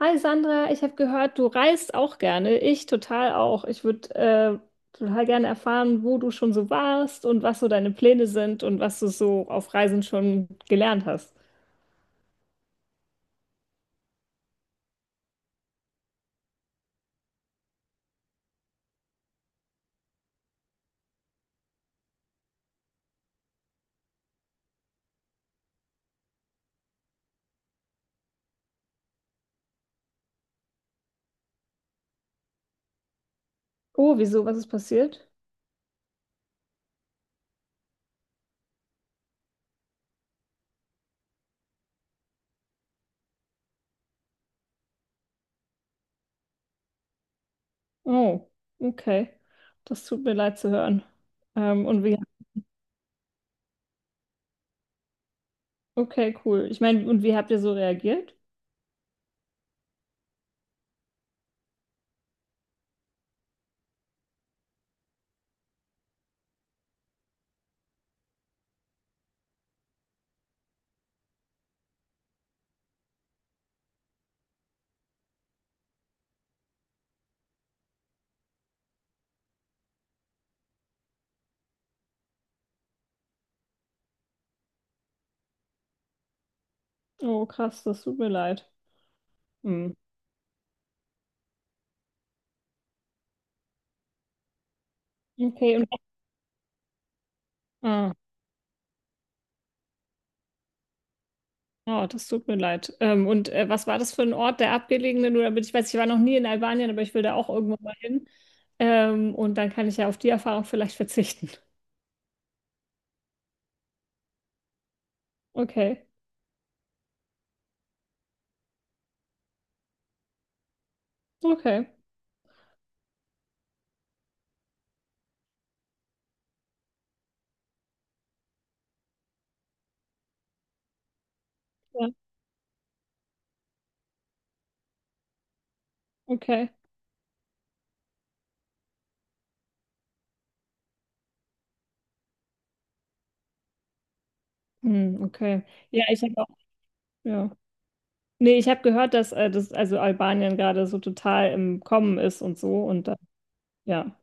Hi Sandra, ich habe gehört, du reist auch gerne. Ich total auch. Ich würde total gerne erfahren, wo du schon so warst und was so deine Pläne sind und was du so auf Reisen schon gelernt hast. Oh, wieso? Was ist passiert? Oh, okay. Das tut mir leid zu hören. Und wie? Okay, cool. Ich meine, und wie habt ihr so reagiert? Oh, krass, das tut mir leid. Hm. Okay, und ah. Oh, das tut mir leid. Und was war das für ein Ort, der abgelegene? Nur damit ich weiß, ich war noch nie in Albanien, aber ich will da auch irgendwann mal hin. Und dann kann ich ja auf die Erfahrung vielleicht verzichten. Okay, okay, ja, okay. Hm, okay. Ja, ich habe auch, ja. Nee, ich habe gehört, dass das, also Albanien gerade so total im Kommen ist und so und dann, ja.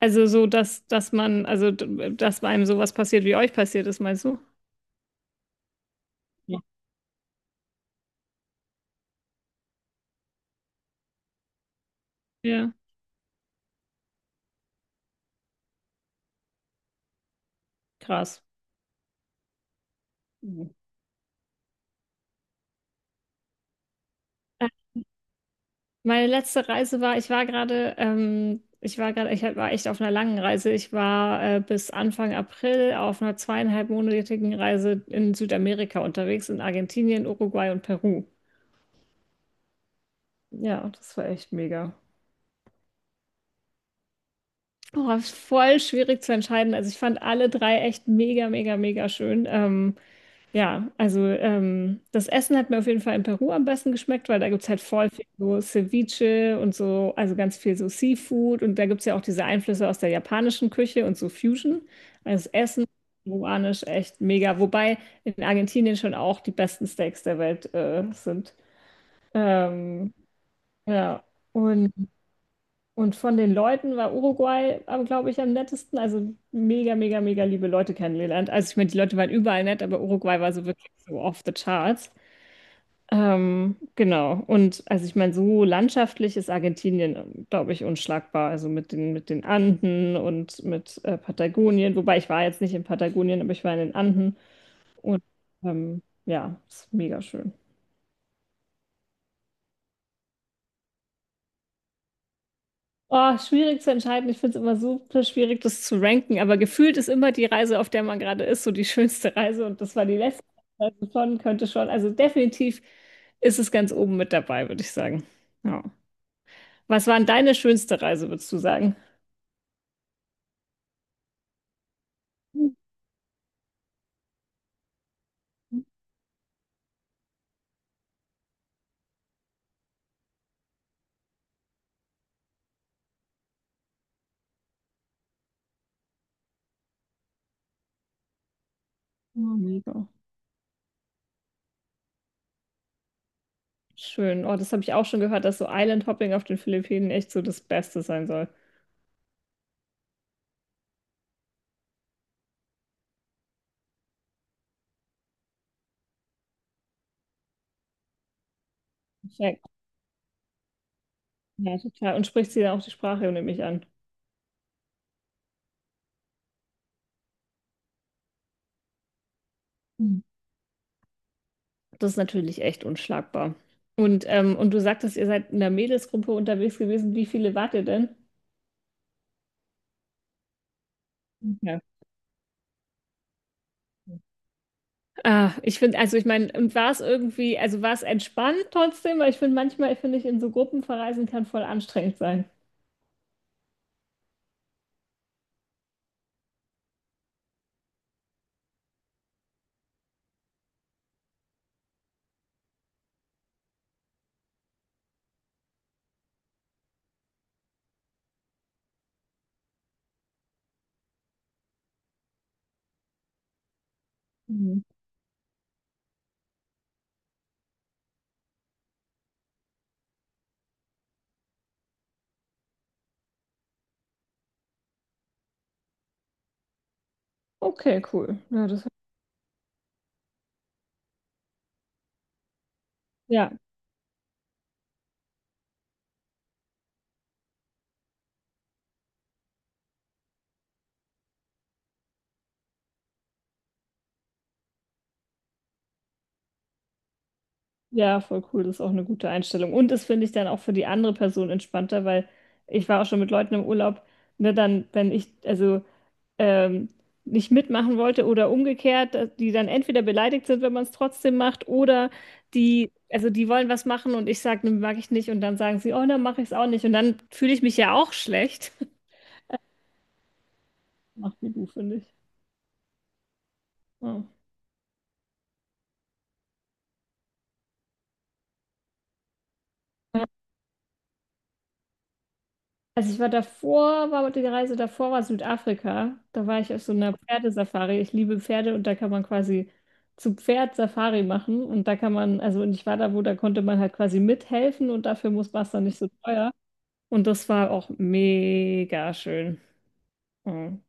Also so, dass man, also dass bei einem sowas passiert, wie euch passiert ist, meinst du? Ja. Ja, krass. Mhm. Meine letzte Reise war, ich war gerade, ich war echt auf einer langen Reise. Ich war bis Anfang April auf einer zweieinhalbmonatigen Reise in Südamerika unterwegs, in Argentinien, Uruguay und Peru. Ja, das war echt mega. Oh, war voll schwierig zu entscheiden. Also ich fand alle drei echt mega, mega, mega schön. Ja, also das Essen hat mir auf jeden Fall in Peru am besten geschmeckt, weil da gibt es halt voll viel so Ceviche und so, also ganz viel so Seafood und da gibt es ja auch diese Einflüsse aus der japanischen Küche und so Fusion. Also das Essen, peruanisch, echt mega. Wobei in Argentinien schon auch die besten Steaks der Welt sind. Ähm, ja, und, und von den Leuten war Uruguay, glaube ich, am nettesten. Also mega, mega, mega liebe Leute kennengelernt. Also ich meine, die Leute waren überall nett, aber Uruguay war so wirklich so off the charts. Genau. Und also ich meine, so landschaftlich ist Argentinien, glaube ich, unschlagbar. Also mit den Anden und mit Patagonien. Wobei ich war jetzt nicht in Patagonien, aber ich war in den Anden. Und ja, ist mega schön. Oh, schwierig zu entscheiden. Ich finde es immer super schwierig, das zu ranken. Aber gefühlt ist immer die Reise, auf der man gerade ist, so die schönste Reise. Und das war die letzte Reise schon, könnte schon. Also definitiv ist es ganz oben mit dabei, würde ich sagen. Ja. Was war denn deine schönste Reise, würdest du sagen? Mhm. Ja, mega. Schön. Oh, das habe ich auch schon gehört, dass so Island Hopping auf den Philippinen echt so das Beste sein soll. Check. Ja, total. Und spricht sie dann auch die Sprache, nehme ich an. Mhm. Das ist natürlich echt unschlagbar. Und du sagtest, ihr seid in der Mädelsgruppe unterwegs gewesen. Wie viele wart ihr denn? Ja. Ah, ich finde, also ich meine, und war es irgendwie, also war es entspannt trotzdem, weil ich finde, manchmal finde ich, in so Gruppen verreisen kann voll anstrengend sein. Mhm. Okay, cool. Ja, das, ja. Ja, voll cool, das ist auch eine gute Einstellung. Und das finde ich dann auch für die andere Person entspannter, weil ich war auch schon mit Leuten im Urlaub, ne, dann, wenn ich also ähm, nicht mitmachen wollte oder umgekehrt, dass die dann entweder beleidigt sind, wenn man es trotzdem macht, oder die, also die wollen was machen und ich sage, ne, mag ich nicht, und dann sagen sie, oh, dann mache ich es auch nicht. Und dann fühle ich mich ja auch schlecht. Macht die du, finde ich. Ja. Also ich war davor, war die Reise davor war Südafrika. Da war ich auf so einer Pferdesafari. Ich liebe Pferde und da kann man quasi zu Pferd Safari machen und da kann man, also und ich war da, wo da konnte man halt quasi mithelfen und dafür muss war es dann nicht so teuer. Und das war auch mega schön. Mhm.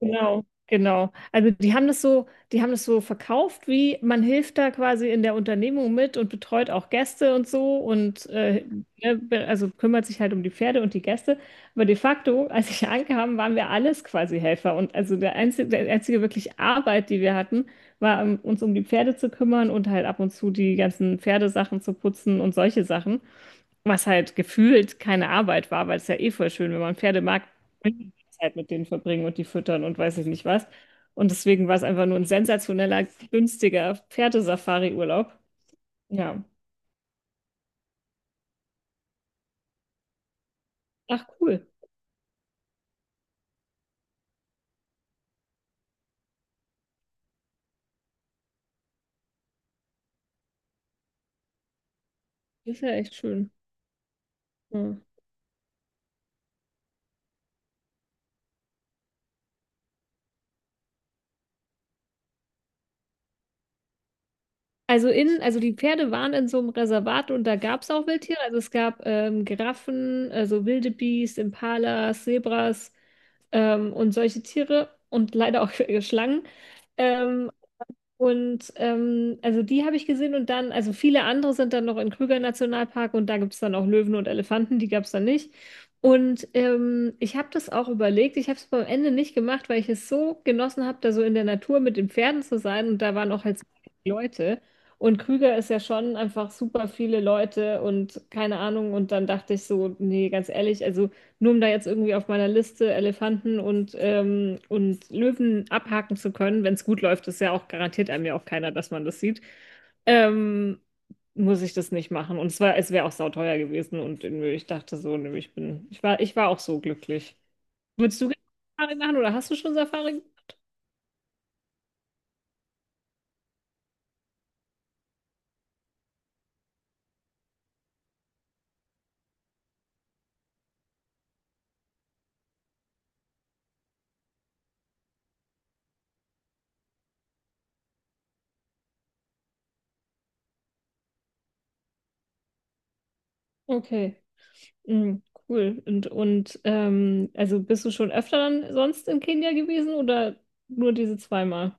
Genau, genau. Also die haben das so, die haben das so verkauft, wie man hilft da quasi in der Unternehmung mit und betreut auch Gäste und so und ne, also kümmert sich halt um die Pferde und die Gäste. Aber de facto, als ich ankam, waren wir alles quasi Helfer. Und also der einzige wirklich Arbeit, die wir hatten, war, uns um die Pferde zu kümmern und halt ab und zu die ganzen Pferdesachen zu putzen und solche Sachen. Was halt gefühlt keine Arbeit war, weil es ja eh voll schön, wenn man Pferde mag, Zeit mit denen verbringen und die füttern und weiß ich nicht was. Und deswegen war es einfach nur ein sensationeller, günstiger Pferdesafari-Urlaub. Ja. Ach cool. Das ist ja echt schön. Ja. Also in, also die Pferde waren in so einem Reservat und da gab es auch Wildtiere. Also es gab Giraffen, also wilde Biest, Impalas, Zebras und solche Tiere und leider auch Schlangen. Ähm, Und also die habe ich gesehen und dann, also viele andere sind dann noch in Krüger Nationalpark und da gibt es dann auch Löwen und Elefanten, die gab es dann nicht. Und ich habe das auch überlegt, ich habe es am Ende nicht gemacht, weil ich es so genossen habe, da so in der Natur mit den Pferden zu sein und da waren auch halt so viele Leute. Und Krüger ist ja schon einfach super viele Leute und keine Ahnung. Und dann dachte ich so, nee, ganz ehrlich, also. Nur um da jetzt irgendwie auf meiner Liste Elefanten und Löwen abhaken zu können, wenn es gut läuft, ist ja auch garantiert einem ja auch keiner, dass man das sieht, ähm, muss ich das nicht machen. Und es war, es wäre auch sauteuer gewesen und irgendwie, ich dachte so, nö, ich war auch so glücklich. Würdest du gerne Safari machen oder hast du schon Safari? Okay, mhm, cool. Und also bist du schon öfter dann sonst in Kenia gewesen oder nur diese zweimal?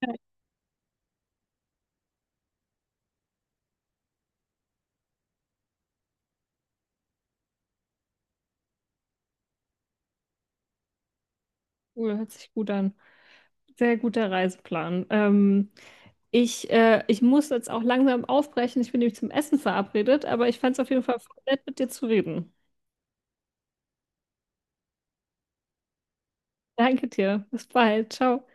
Ja, cool, hört sich gut an. Sehr guter Reiseplan. Ich, ich muss jetzt auch langsam aufbrechen. Ich bin nämlich zum Essen verabredet, aber ich fand es auf jeden Fall nett, mit dir zu reden. Danke dir. Bis bald. Ciao.